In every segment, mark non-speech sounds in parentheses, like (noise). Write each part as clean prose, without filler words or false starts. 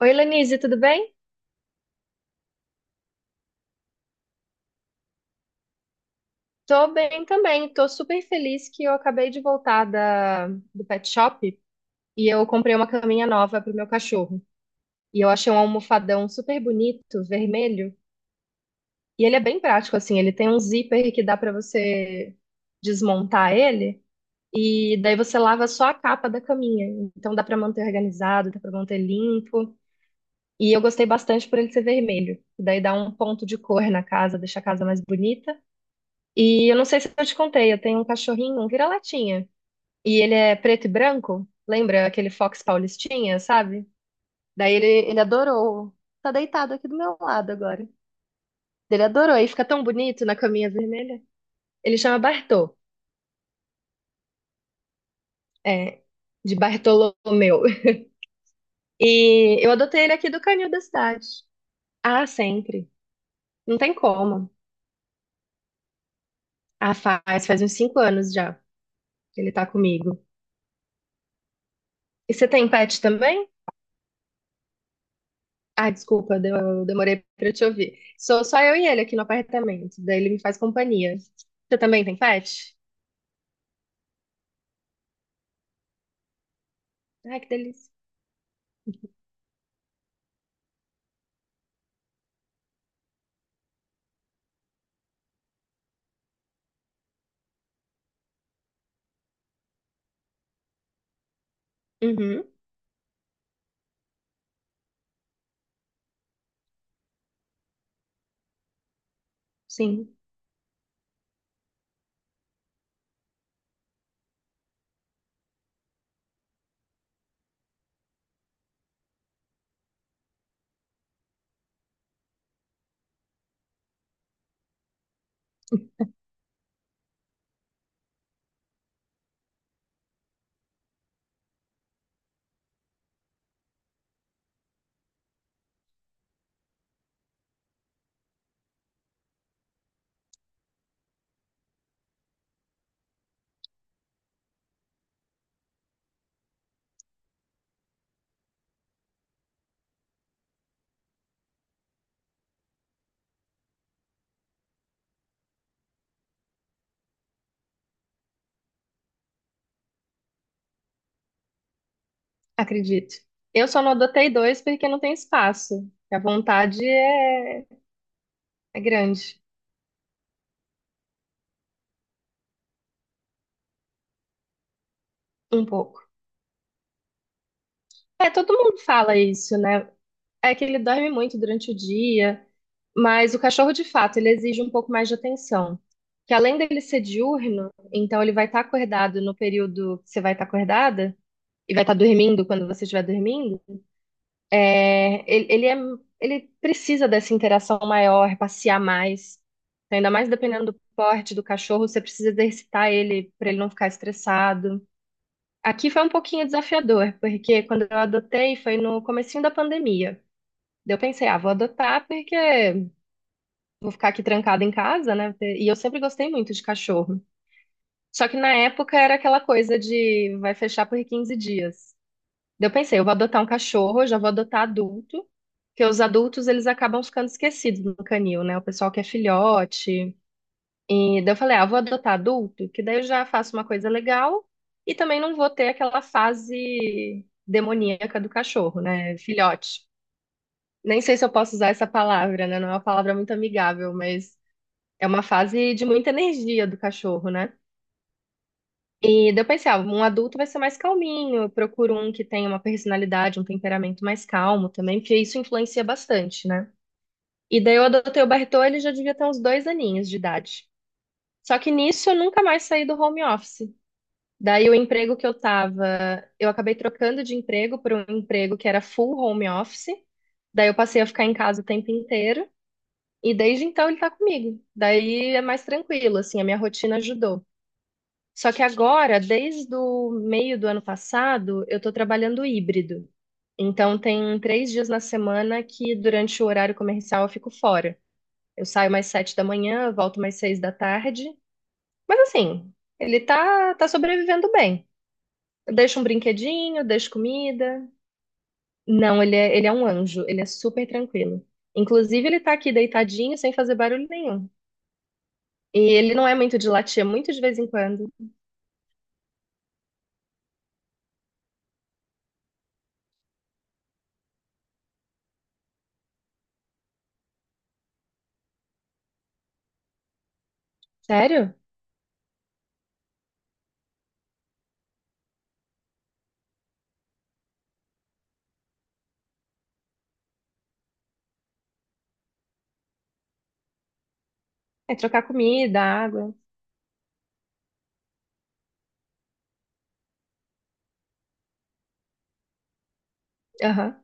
Oi, Lenise, tudo bem? Tô bem também. Tô super feliz que eu acabei de voltar do pet shop e eu comprei uma caminha nova pro meu cachorro. E eu achei um almofadão super bonito, vermelho. E ele é bem prático, assim. Ele tem um zíper que dá pra você desmontar ele e daí você lava só a capa da caminha. Então dá pra manter organizado, dá pra manter limpo. E eu gostei bastante por ele ser vermelho. Daí dá um ponto de cor na casa, deixa a casa mais bonita. E eu não sei se eu te contei, eu tenho um cachorrinho, um vira-latinha. E ele é preto e branco. Lembra aquele Fox Paulistinha, sabe? Daí ele adorou. Tá deitado aqui do meu lado agora. Ele adorou. Aí fica tão bonito na caminha vermelha. Ele chama Bartô. É, de Bartolomeu. (laughs) E eu adotei ele aqui do canil da cidade. Ah, sempre. Não tem como. Ah, faz uns 5 anos já. Ele tá comigo. E você tem pet também? Ah, desculpa, eu demorei pra te ouvir. Sou só eu e ele aqui no apartamento. Daí ele me faz companhia. Você também tem pet? Ai, que delícia. Uhum, sim, (laughs) acredito. Eu só não adotei dois porque não tem espaço. A vontade é grande, um pouco. É, todo mundo fala isso, né? É que ele dorme muito durante o dia, mas o cachorro, de fato, ele exige um pouco mais de atenção. Que além dele ser diurno, então ele vai estar acordado no período que você vai estar acordada, e vai estar dormindo quando você estiver dormindo, é, ele, ele, é, ele precisa dessa interação maior, passear mais. Então, ainda mais dependendo do porte do cachorro, você precisa exercitar ele para ele não ficar estressado. Aqui foi um pouquinho desafiador, porque quando eu adotei foi no comecinho da pandemia. Daí eu pensei, ah, vou adotar porque vou ficar aqui trancada em casa, né? E eu sempre gostei muito de cachorro. Só que na época era aquela coisa de vai fechar por 15 dias. Daí eu pensei, eu vou adotar um cachorro, eu já vou adotar adulto, porque os adultos eles acabam ficando esquecidos no canil, né? O pessoal que é filhote. E daí eu falei, ah, vou adotar adulto, que daí eu já faço uma coisa legal e também não vou ter aquela fase demoníaca do cachorro, né? Filhote. Nem sei se eu posso usar essa palavra, né? Não é uma palavra muito amigável, mas é uma fase de muita energia do cachorro, né? E daí eu pensei, ah, um adulto vai ser mais calminho, eu procuro um que tenha uma personalidade, um temperamento mais calmo também, porque isso influencia bastante, né? E daí eu adotei o Bartô, ele já devia ter uns dois aninhos de idade. Só que nisso eu nunca mais saí do home office. Daí o emprego que eu tava, eu acabei trocando de emprego por um emprego que era full home office. Daí eu passei a ficar em casa o tempo inteiro. E desde então ele tá comigo. Daí é mais tranquilo, assim, a minha rotina ajudou. Só que agora, desde o meio do ano passado, eu estou trabalhando híbrido. Então, tem 3 dias na semana que, durante o horário comercial, eu fico fora. Eu saio mais 7 da manhã, volto mais 6 da tarde. Mas, assim, ele tá sobrevivendo bem. Eu deixo um brinquedinho, deixo comida. Não, ele é um anjo, ele é super tranquilo. Inclusive, ele tá aqui deitadinho, sem fazer barulho nenhum. E ele não é muito de latir, é muito de vez em quando. Sério? É trocar comida, água. Aham.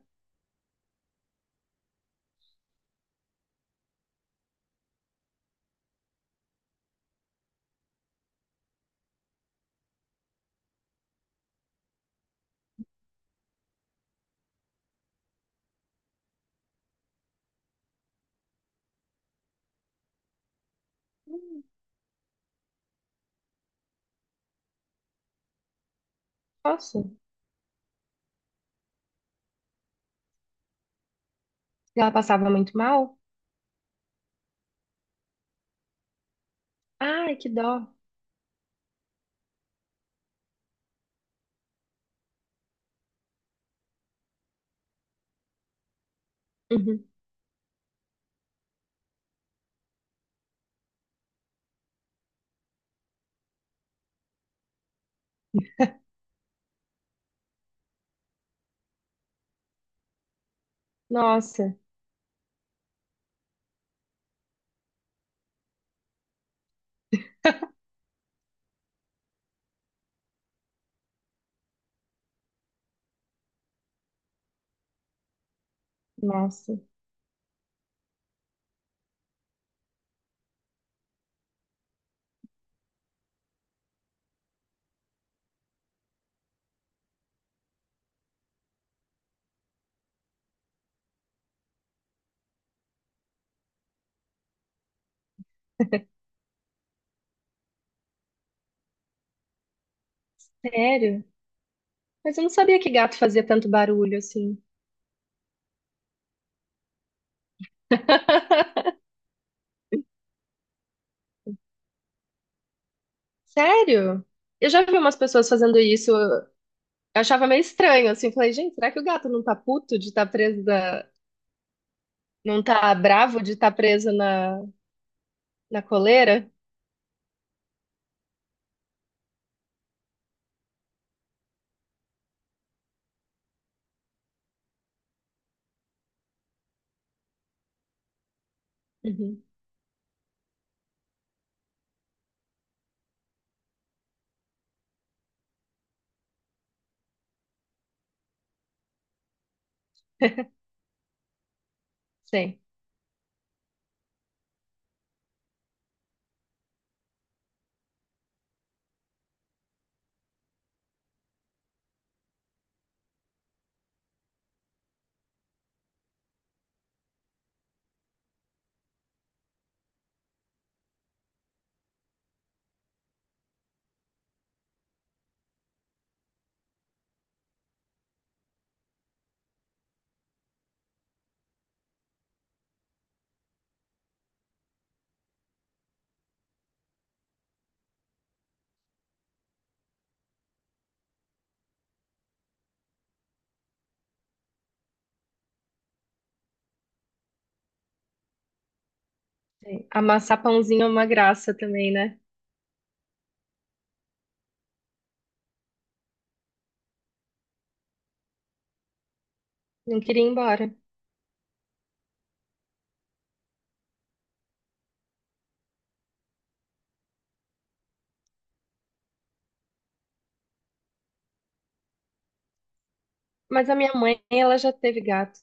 Nossa, e ela passava muito mal? Ai, que dó. Uhum. Nossa, nossa. Sério? Mas eu não sabia que gato fazia tanto barulho assim. (laughs) Sério? Eu já vi umas pessoas fazendo isso. Eu achava meio estranho, assim. Falei, gente, será que o gato não tá puto de estar preso da... Não tá bravo de estar preso na coleira? Uhum. Sei, sei. Amassar pãozinho é uma graça também, né? Não queria ir embora. Mas a minha mãe, ela já teve gato.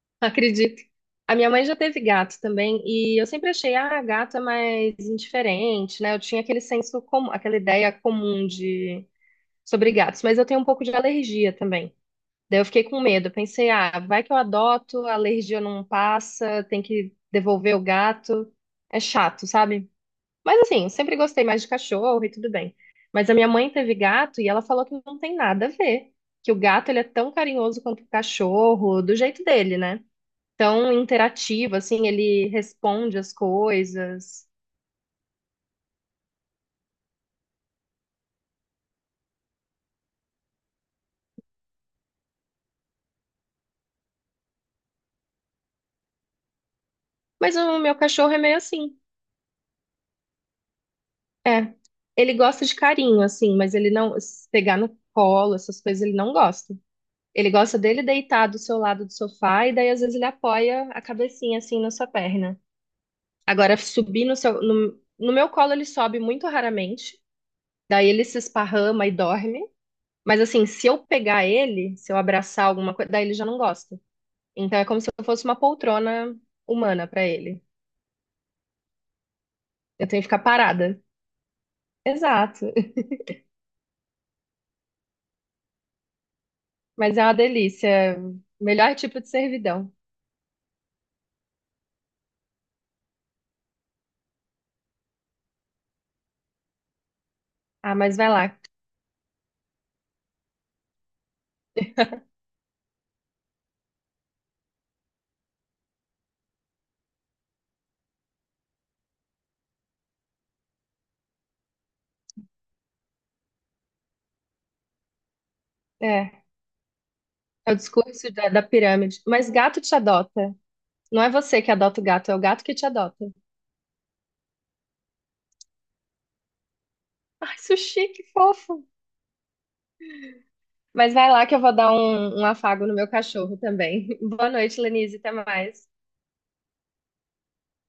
(laughs) Acredito. A minha mãe já teve gato também, e eu sempre achei, ah, gato é mais indiferente, né? Eu tinha aquele senso comum, aquela ideia comum de sobre gatos, mas eu tenho um pouco de alergia também. Daí eu fiquei com medo, eu pensei, ah, vai que eu adoto, a alergia não passa, tem que devolver o gato. É chato, sabe? Mas assim, eu sempre gostei mais de cachorro e tudo bem. Mas a minha mãe teve gato e ela falou que não tem nada a ver, que o gato ele é tão carinhoso quanto o cachorro, do jeito dele, né? Tão interativo, assim, ele responde as coisas. Mas o meu cachorro é meio assim. É. Ele gosta de carinho, assim, mas ele não. Se pegar no colo, essas coisas, ele não gosta. Ele gosta dele deitar do seu lado do sofá e daí às vezes ele apoia a cabecinha assim na sua perna. Agora, subir no seu. No meu colo ele sobe muito raramente. Daí ele se esparrama e dorme. Mas assim, se eu pegar ele, se eu abraçar alguma coisa, daí ele já não gosta. Então é como se eu fosse uma poltrona humana pra ele. Eu tenho que ficar parada. Exato. (laughs) Mas é uma delícia. Melhor tipo de servidão. Ah, mas vai lá. É, é o discurso da pirâmide. Mas gato te adota. Não é você que adota o gato, é o gato que te adota. Ai, sushi, que fofo. Mas vai lá que eu vou dar um afago no meu cachorro também. (laughs) Boa noite, Lenise. Até mais.